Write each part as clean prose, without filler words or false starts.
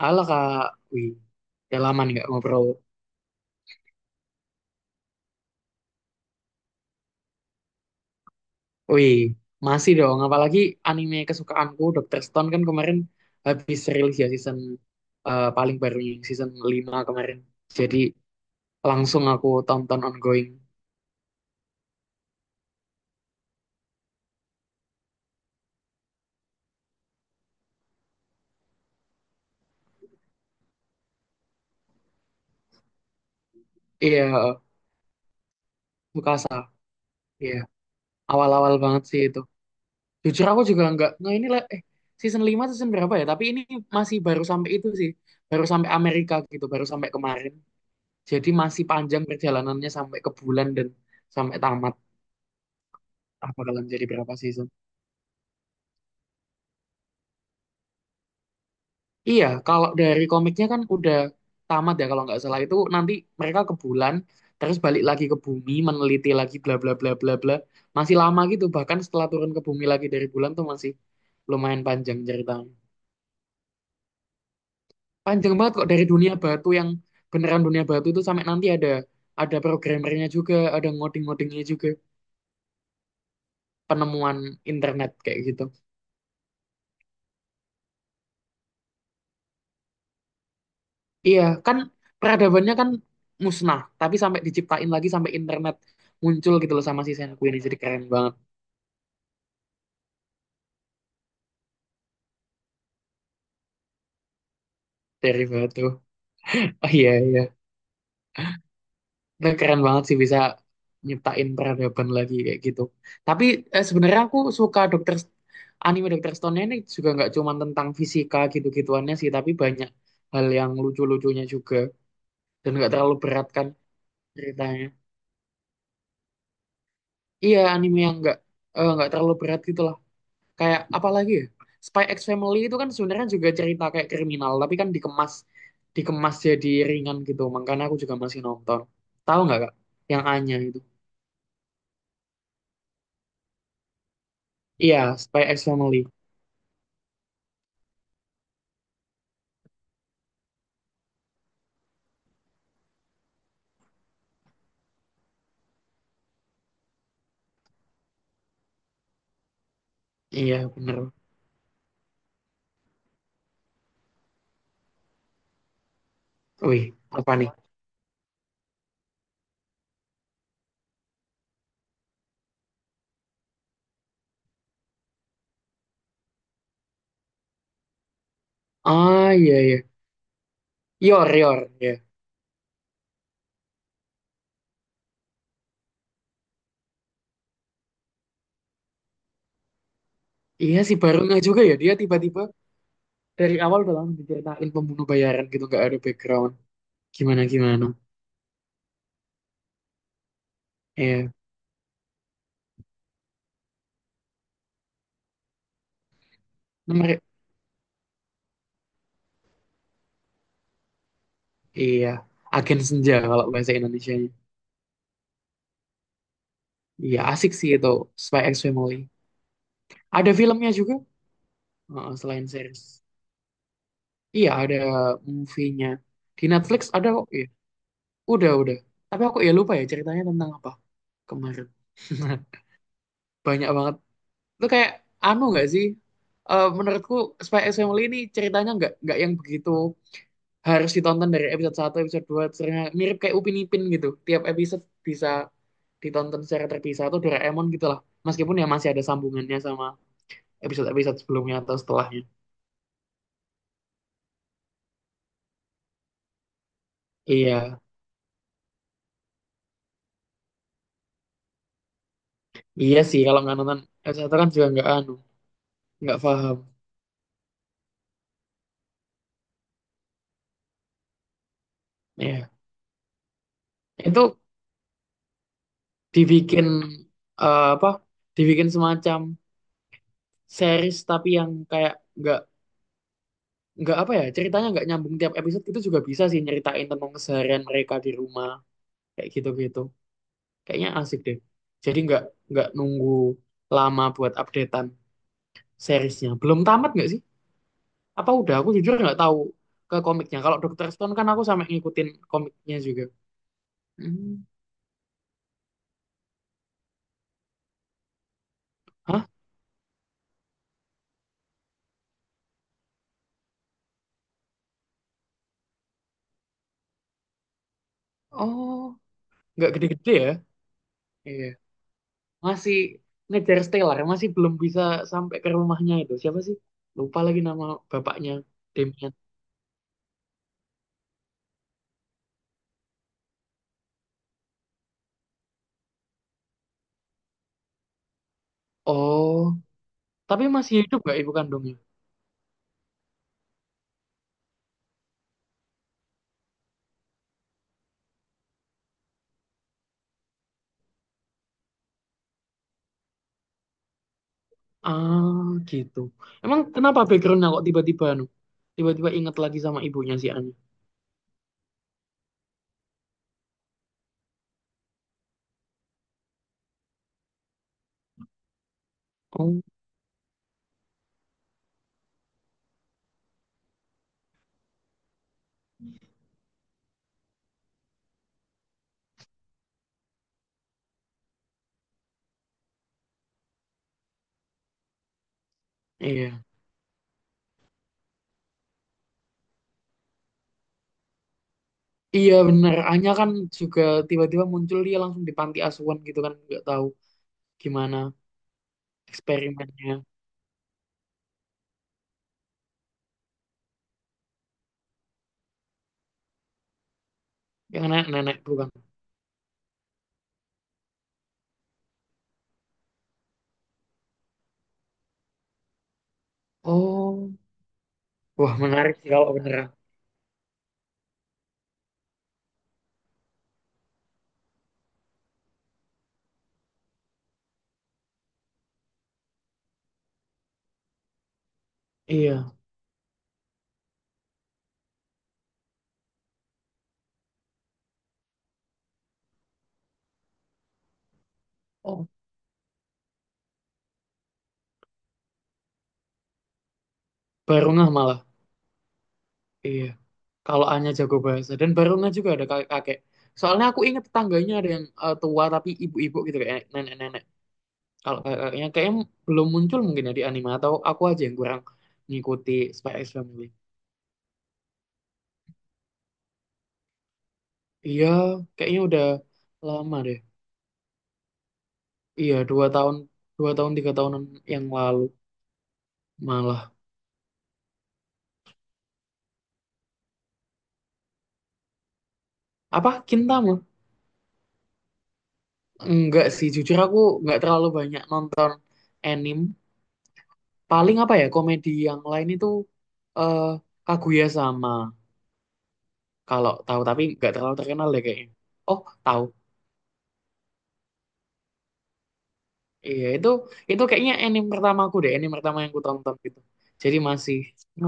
Halo Kak, wih, udah lama nih nggak ngobrol. Wih, masih dong, apalagi anime kesukaanku, Dr. Stone kan kemarin habis rilis ya season paling barunya, season 5 kemarin. Jadi langsung aku tonton ongoing. Iya, Mikasa, iya. Awal-awal banget sih itu. Jujur aku juga nggak ini lah, season 5 season berapa ya? Tapi ini masih baru sampai itu sih, baru sampai Amerika gitu, baru sampai kemarin. Jadi masih panjang perjalanannya sampai ke bulan dan sampai tamat. Bakalan jadi berapa season? Iya, kalau dari komiknya kan udah tamat ya, kalau nggak salah itu nanti mereka ke bulan terus balik lagi ke bumi meneliti lagi bla bla bla bla bla, masih lama gitu. Bahkan setelah turun ke bumi lagi dari bulan tuh masih lumayan panjang ceritanya, panjang banget kok, dari dunia batu yang beneran dunia batu itu sampai nanti ada programmernya juga, ada ngoding-ngodingnya juga, penemuan internet kayak gitu. Iya, kan peradabannya kan musnah, tapi sampai diciptain lagi sampai internet muncul gitu loh sama si Sengoku ini. Jadi keren banget dari batu. Oh iya iya, itu keren banget sih bisa nyiptain peradaban lagi kayak gitu. Tapi sebenarnya aku suka anime dokter Stone ini juga nggak cuma tentang fisika gitu-gituannya sih, tapi banyak hal yang lucu-lucunya juga, dan nggak terlalu berat kan ceritanya. Iya, anime yang nggak terlalu berat gitu lah. Kayak apalagi ya? Spy X Family itu kan sebenarnya juga cerita kayak kriminal, tapi kan dikemas dikemas jadi ringan gitu. Makanya aku juga masih nonton. Tahu nggak Kak? Yang Anya itu. Iya, Spy X Family. Iya, bener. Wih, apa nih? Ah, iya, iya. Yor, Yor, ya. Iya sih, baru nggak juga ya. Dia tiba-tiba dari awal udah langsung diceritain pembunuh bayaran gitu. Nggak ada background. Gimana-gimana. Iya. Nomor- Iya. Agen Senja kalau bahasa Indonesia. Iya, asik sih itu. Spy X Family. Ada filmnya juga. Heeh, selain series. Iya, ada movie-nya, di Netflix ada kok. Iya. Udah udah. Tapi aku ya lupa ya ceritanya tentang apa kemarin. Banyak banget. Itu kayak anu nggak sih? Menurutku Spy X Family ini ceritanya nggak yang begitu harus ditonton dari episode 1 episode 2, ceritanya mirip kayak Upin Ipin gitu. Tiap episode bisa ditonton secara terpisah atau Doraemon gitu lah. Meskipun ya masih ada sambungannya sama episode-episode sebelumnya atau setelahnya. Iya. Iya sih, kalau nggak nonton S1 kan juga nggak anu, nggak paham. Ya, itu dibikin apa? Dibikin semacam series tapi yang kayak nggak nggak apa ya, ceritanya nggak nyambung tiap episode, itu juga bisa sih nyeritain tentang keseharian mereka di rumah kayak gitu-gitu. Kayaknya asik deh. Jadi nggak nunggu lama buat updatean seriesnya. Belum tamat nggak sih? Apa udah? Aku jujur nggak tahu ke komiknya. Kalau Dr. Stone kan aku sampai ngikutin komiknya juga. Hmm. Hah? Oh. Nggak gede-gede ya. Iya. Masih ngejar Stellar, masih belum bisa sampai ke rumahnya itu. Siapa sih? Lupa lagi nama bapaknya, Demian. Oh, tapi masih hidup nggak ibu kandungnya? Ah, gitu. Emang kenapa backgroundnya kok tiba-tiba anu? Tiba-tiba inget lagi sama ibunya si Anya. Oh, iya. Iya bener, Anya kan juga tiba-tiba muncul, dia langsung di panti asuhan gitu kan. Nggak tahu gimana eksperimennya. Yang nenek-nenek bukan? Oh, wah menarik sih kalau beneran. Iya. Oh, Barungah malah. Iya. Kalau Anya jago bahasa dan Barungah juga ada kakek-kakek. Soalnya aku ingat tetangganya ada yang tua tapi ibu-ibu gitu, kayak nenek-nenek. Kalau kakek-kakeknya kayaknya belum muncul mungkin ya di anime, atau aku aja yang kurang ngikuti Spy X Family. Iya, kayaknya udah lama deh. Iya, 2 tahun, dua tahun 3 tahunan yang lalu malah. Apa Kintama? Enggak sih, jujur aku nggak terlalu banyak nonton anime. Paling apa ya, komedi yang lain itu, eh Kaguya sama, kalau tahu, tapi nggak terlalu terkenal deh kayaknya. Oh, tahu. Iya, itu kayaknya anime pertamaku deh, anime pertama yang ku tonton gitu. Jadi masih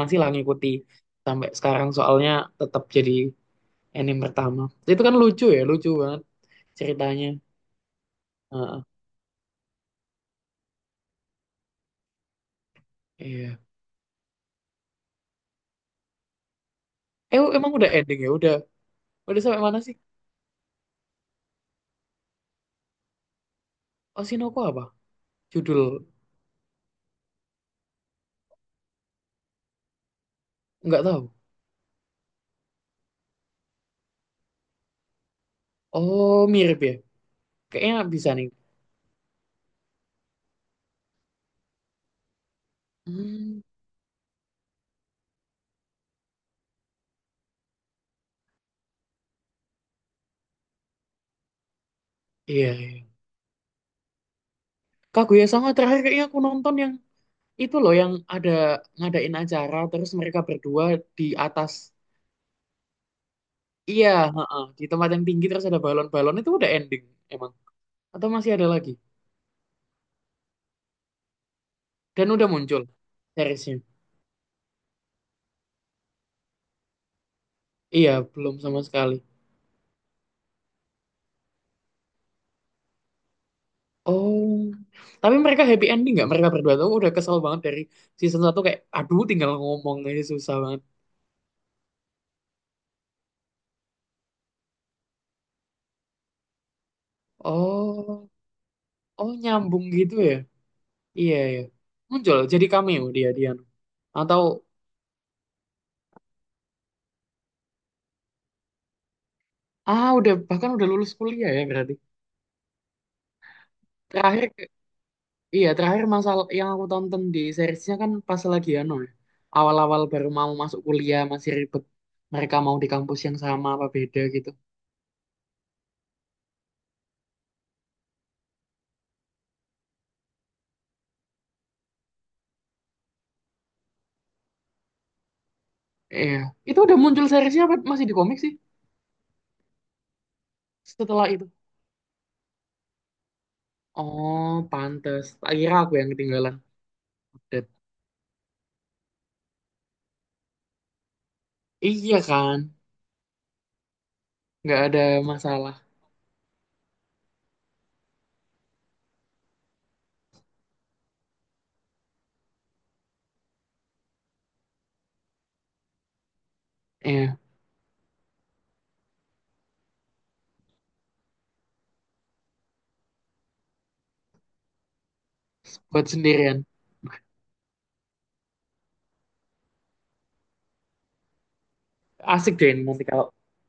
masih lah ngikuti sampai sekarang, soalnya tetap jadi anime pertama, itu kan lucu ya, lucu banget ceritanya. Heeh, iya. Emang udah ending ya, udah sampai mana sih? Oshinoko apa judul? Nggak tahu. Oh, mirip ya, kayaknya bisa nih. Hmm, iya iya. Kaguya sama terakhir kayaknya aku nonton yang itu loh, yang ada ngadain acara terus mereka berdua di atas. Iya, heeh, di tempat yang tinggi terus ada balon-balon, itu udah ending emang atau masih ada lagi? Dan udah muncul seriesnya? Iya, belum sama sekali. Oh, tapi mereka happy ending nggak? Mereka berdua tuh udah kesel banget dari season 1, kayak aduh, tinggal ngomong aja susah banget. Oh, oh nyambung gitu ya. Iya ya, muncul jadi cameo, dia dia atau… Ah, udah, bahkan udah lulus kuliah ya berarti. Terakhir ke- iya, terakhir masalah yang aku tonton di seriesnya kan pas lagi anu ya. Awal-awal baru mau masuk kuliah, masih ribet. Mereka mau di kampus yang sama apa beda gitu. Iya, itu udah muncul seriesnya apa masih di komik sih setelah itu? Oh, pantes. Tak kira aku yang ketinggalan update. Iya kan? Nggak ada masalah. Iya, buat sendirian. Asik deh ini nanti kalau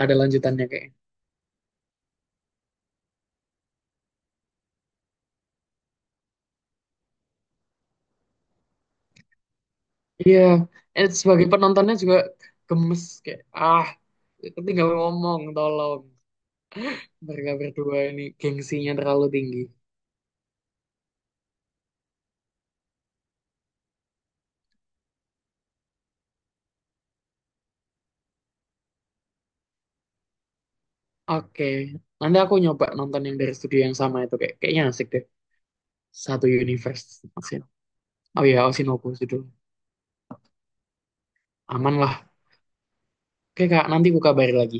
ada lanjutannya kayaknya. Iya, sebagai penontonnya juga gemes, kayak ah tinggal ngomong tolong, mereka berdua ini gengsinya terlalu tinggi. Oke, nanti aku nyoba nonton yang dari studio yang sama itu, kayaknya asik deh. Satu universe maksudnya. Oh iya, Osinoku judul. Aman lah. Oke Kak, nanti ku kabari lagi.